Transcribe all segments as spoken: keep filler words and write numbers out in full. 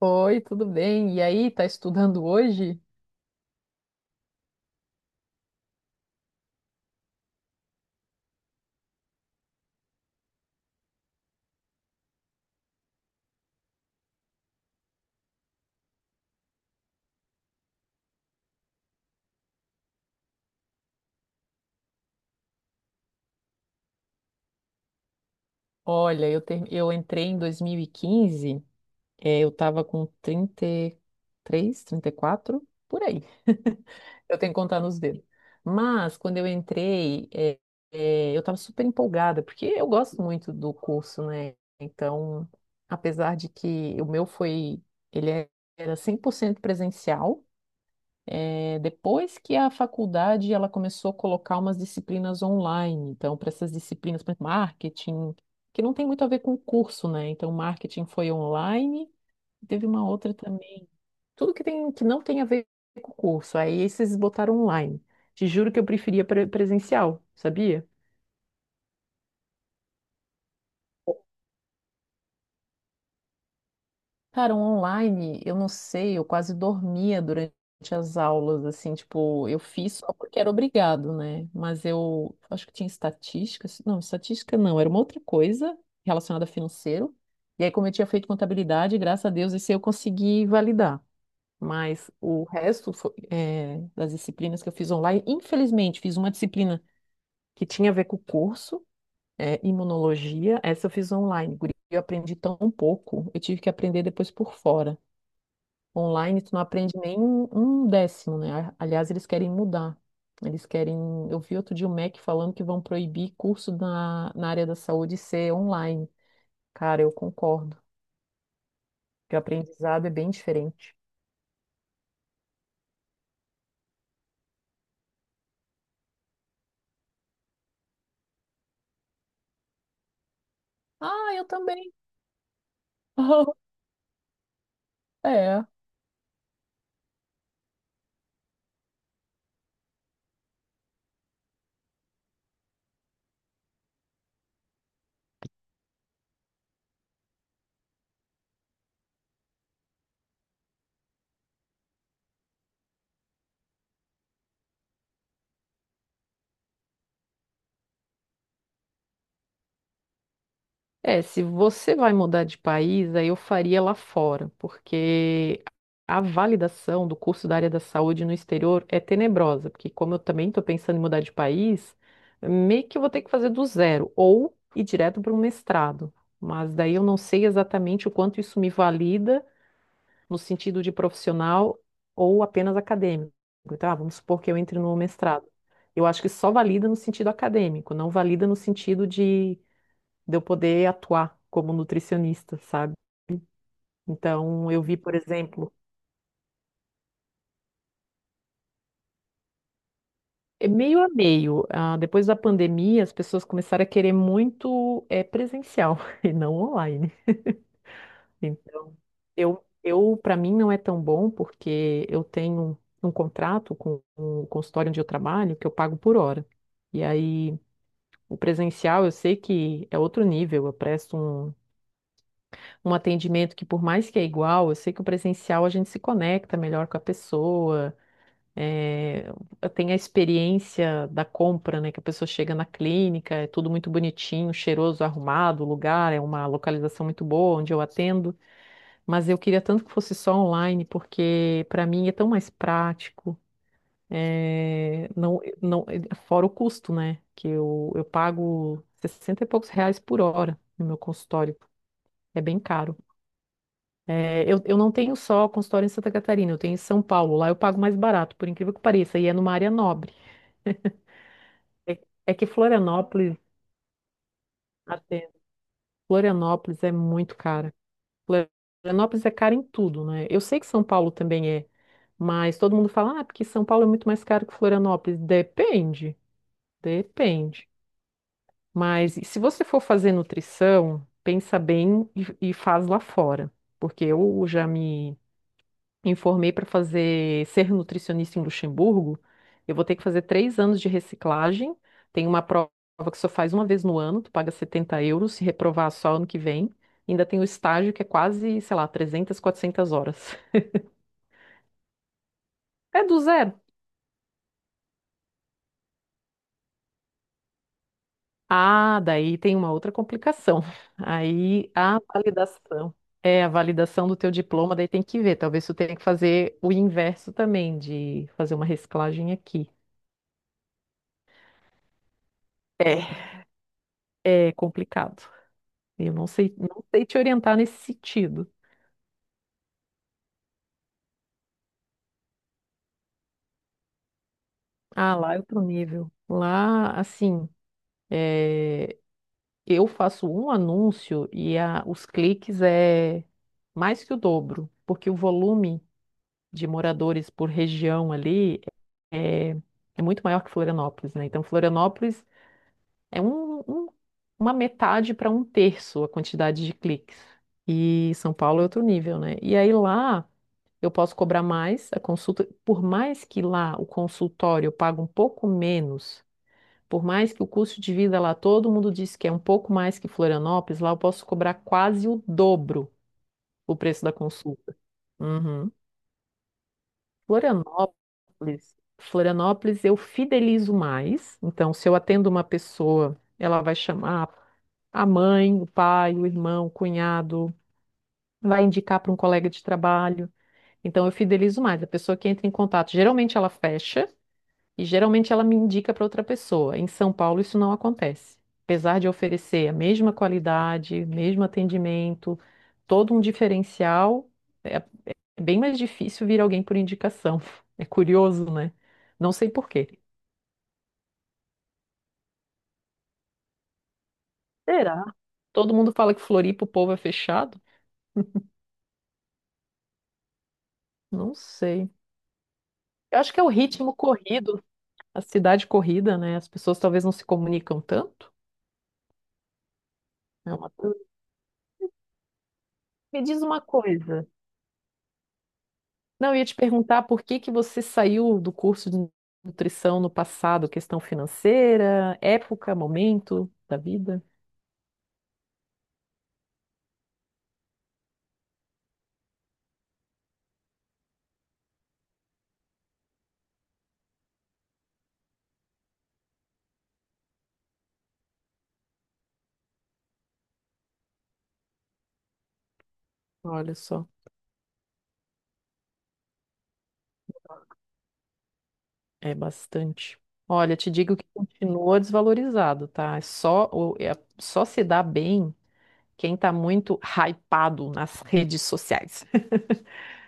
Oi, tudo bem? E aí, tá estudando hoje? Olha, eu, ter... eu entrei em dois mil e quinze, eh, eu tava com trinta, trinta três, trinta e quatro, por aí. Eu tenho que contar nos dedos. Mas, quando eu entrei, eh, eh, eu estava super empolgada, porque eu gosto muito do curso, né? Então, apesar de que o meu foi, ele é- era cem por cento presencial. É, depois que a faculdade ela começou a colocar umas disciplinas online, então para essas disciplinas, por exemplo, marketing, que não tem muito a ver com o curso, né? Então marketing foi online, teve uma outra também. Tudo que tem que não tem a ver com o curso, aí esses botaram online. Te juro que eu preferia pre- presencial, sabia? Cara, um online, eu não sei, eu quase dormia durante as aulas, assim, tipo, eu fiz só porque era obrigado, né? Mas eu acho que tinha estatística, se- não, estatística não, era uma outra coisa relacionada a financeiro. E aí, como eu tinha feito contabilidade, graças a Deus, esse eu consegui validar. Mas o resto foi, é, das disciplinas que eu fiz online, infelizmente, fiz uma disciplina que tinha a ver com o curso, é, imunologia, essa eu fiz online, guria, eu aprendi tão pouco, eu tive que aprender depois por fora. Online, tu não aprende nem um um décimo, né? A- Aliás, eles querem mudar. Eles querem. Eu vi outro dia o MEC falando que vão proibir curso na, na área da saúde ser online. Cara, eu concordo. Que o aprendizado é bem diferente. Ah, eu também. É. É, se você vai mudar de país, aí eu faria lá fora, porque a validação do curso da área da saúde no exterior é tenebrosa, porque como eu também estou pensando em mudar de país, meio que eu vou ter que fazer do zero, ou ir direto para um mestrado. Mas daí eu não sei exatamente o quanto isso me valida no sentido de profissional ou apenas acadêmico. Então, ah, vamos supor que eu entre no mestrado. Eu acho que só valida no sentido acadêmico, não valida no sentido de de eu poder atuar como nutricionista, sabe? Então, eu vi, por exemplo, é meio a meio. Ah, depois da pandemia, as pessoas começaram a querer muito é, presencial e não online. Então, eu, eu para mim não é tão bom porque eu tenho um contrato com o consultório onde eu trabalho que eu pago por hora. E aí, o presencial, eu sei que é outro nível. Eu presto um, um atendimento que, por mais que é igual, eu sei que o presencial a gente se conecta melhor com a pessoa. É, eu tenho a experiência da compra, né? Que a pessoa chega na clínica, é tudo muito bonitinho, cheiroso, arrumado, o lugar, é uma localização muito boa onde eu atendo, mas eu queria tanto que fosse só online, porque para mim é tão mais prático, é, não, não, é, fora o custo, né? Que eu, eu pago sessenta e poucos reais por hora no meu consultório. É bem caro. É, eu, eu não tenho só consultório em Santa Catarina, eu tenho em São Paulo. Lá eu pago mais barato, por incrível que pareça, e é numa área nobre. É, é que Florianópolis, até, Florianópolis é muito cara. Florianópolis é cara em tudo, né? Eu sei que São Paulo também é, mas todo mundo fala, ah, porque São Paulo é muito mais caro que Florianópolis. Depende, depende. Mas se você for fazer nutrição, pensa bem e, e faz lá fora. Porque eu já me me formei para fazer ser nutricionista em Luxemburgo, eu vou ter que fazer três anos de reciclagem. Tem uma prova que só faz uma vez no ano, tu paga setenta euros, se reprovar só ano que vem. Ainda tem o estágio que é quase, sei lá, trezentas, quatrocentas horas. É do zero. Ah, daí tem uma outra complicação. Aí a validação. É, a validação do teu diploma, daí tem que ver. Talvez tu tenha que fazer o inverso também, de fazer uma reciclagem aqui. É, é complicado. Eu não sei, não sei te orientar nesse sentido. Ah, lá é outro nível. Lá, assim, é, eu faço um anúncio e a- os cliques é mais que o dobro, porque o volume de moradores por região ali é, é muito maior que Florianópolis, né? Então, Florianópolis é um- um- uma metade para um terço a quantidade de cliques. E São Paulo é outro nível, né? E aí lá. Eu posso cobrar mais a consulta, por mais que lá o consultório eu pague um pouco menos, por mais que o custo de vida lá todo mundo diz que é um pouco mais que Florianópolis, lá eu posso cobrar quase o dobro o preço da consulta. Uhum. Florianópolis, Florianópolis eu fidelizo mais. Então, se eu atendo uma pessoa, ela vai chamar a mãe, o pai, o irmão, o cunhado, vai indicar para um colega de trabalho. Então eu fidelizo mais. A pessoa que entra em contato, geralmente ela fecha e geralmente ela me indica para outra pessoa. Em São Paulo isso não acontece. Apesar de oferecer a mesma qualidade, mesmo atendimento, todo um diferencial, é bem mais difícil vir alguém por indicação. É curioso, né? Não sei por quê. Será? Todo mundo fala que Floripa o povo é fechado? Não sei. Eu acho que é o ritmo corrido, a cidade corrida, né? As pessoas talvez não se comunicam tanto. É uma... Me diz uma coisa. Não, eu ia te perguntar por que que você saiu do curso de nutrição no passado, questão financeira, época, momento da vida. Olha só, é bastante. Olha, te digo que continua desvalorizado, tá? É só, o- é- só se dá bem quem tá muito hypado nas redes sociais.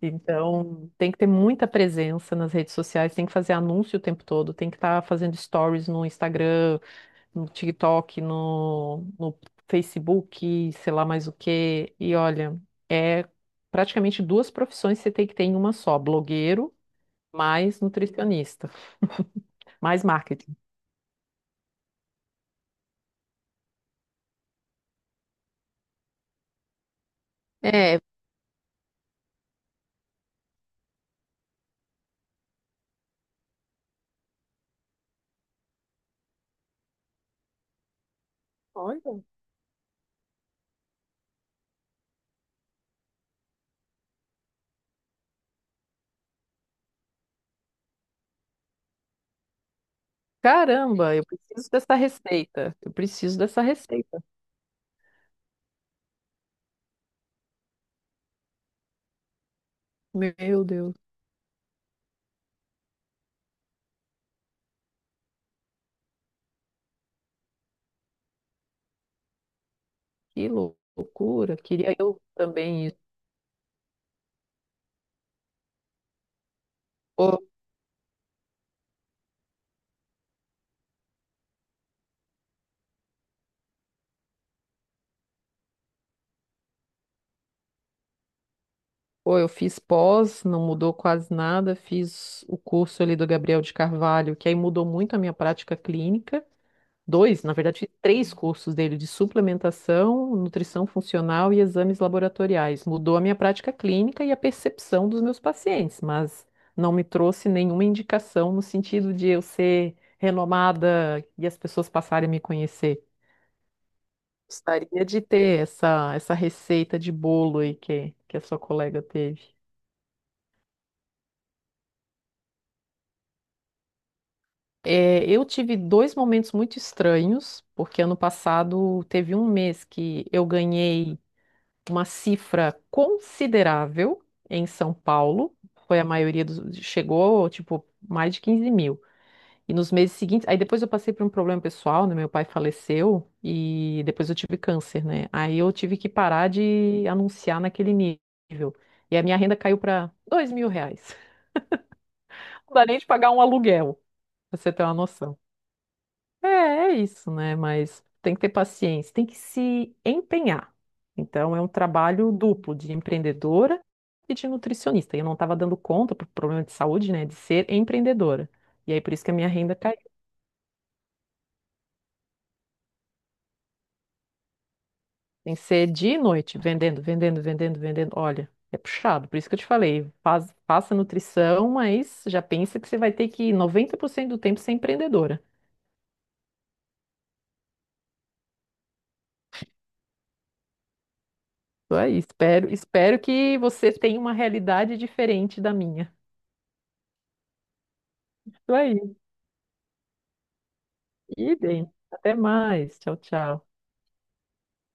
Então, tem que ter muita presença nas redes sociais, tem que fazer anúncio o tempo todo, tem que estar fazendo stories no Instagram, no TikTok, no, no Facebook, sei lá mais o quê. E olha, é praticamente duas profissões que você tem que ter em uma só: blogueiro mais nutricionista, mais marketing. É, olha. Caramba, eu preciso dessa receita. Eu preciso dessa receita. Meu Deus, que lou- loucura. Queria eu também isso. Ou, ou eu fiz pós, não mudou quase nada. Fiz o curso ali do Gabriel de Carvalho, que aí mudou muito a minha prática clínica. Dois, na verdade, três cursos dele de suplementação, nutrição funcional e exames laboratoriais. Mudou a minha prática clínica e a percepção dos meus pacientes, mas não me trouxe nenhuma indicação no sentido de eu ser renomada e as pessoas passarem a me conhecer. Gostaria de ter essa, essa receita de bolo aí que, que a sua colega teve. É, eu tive dois momentos muito estranhos, porque ano passado teve um mês que eu ganhei uma cifra considerável em São Paulo. Foi a maioria dos. Chegou, tipo, mais de quinze mil. E nos meses seguintes. Aí depois eu passei por um problema pessoal, né? Meu pai faleceu e depois eu tive câncer, né? Aí eu tive que parar de anunciar naquele nível. E a minha renda caiu para dois mil reais. Não dá nem de pagar um aluguel, pra você ter uma noção. É, é isso, né? Mas tem que ter paciência, tem que se empenhar. Então, é um trabalho duplo de empreendedora e de nutricionista. E eu não estava dando conta, por problema de saúde, né, de ser empreendedora. E aí, por isso que a minha renda caiu. Tem que ser dia e noite, vendendo, vendendo, vendendo, vendendo. Olha, é puxado. Por isso que eu te falei, faz, faça nutrição, mas já pensa que você vai ter que noventa por cento do tempo ser empreendedora. Isso aí, espero, espero que você tenha uma realidade diferente da minha. Idem. Até mais. Tchau, tchau.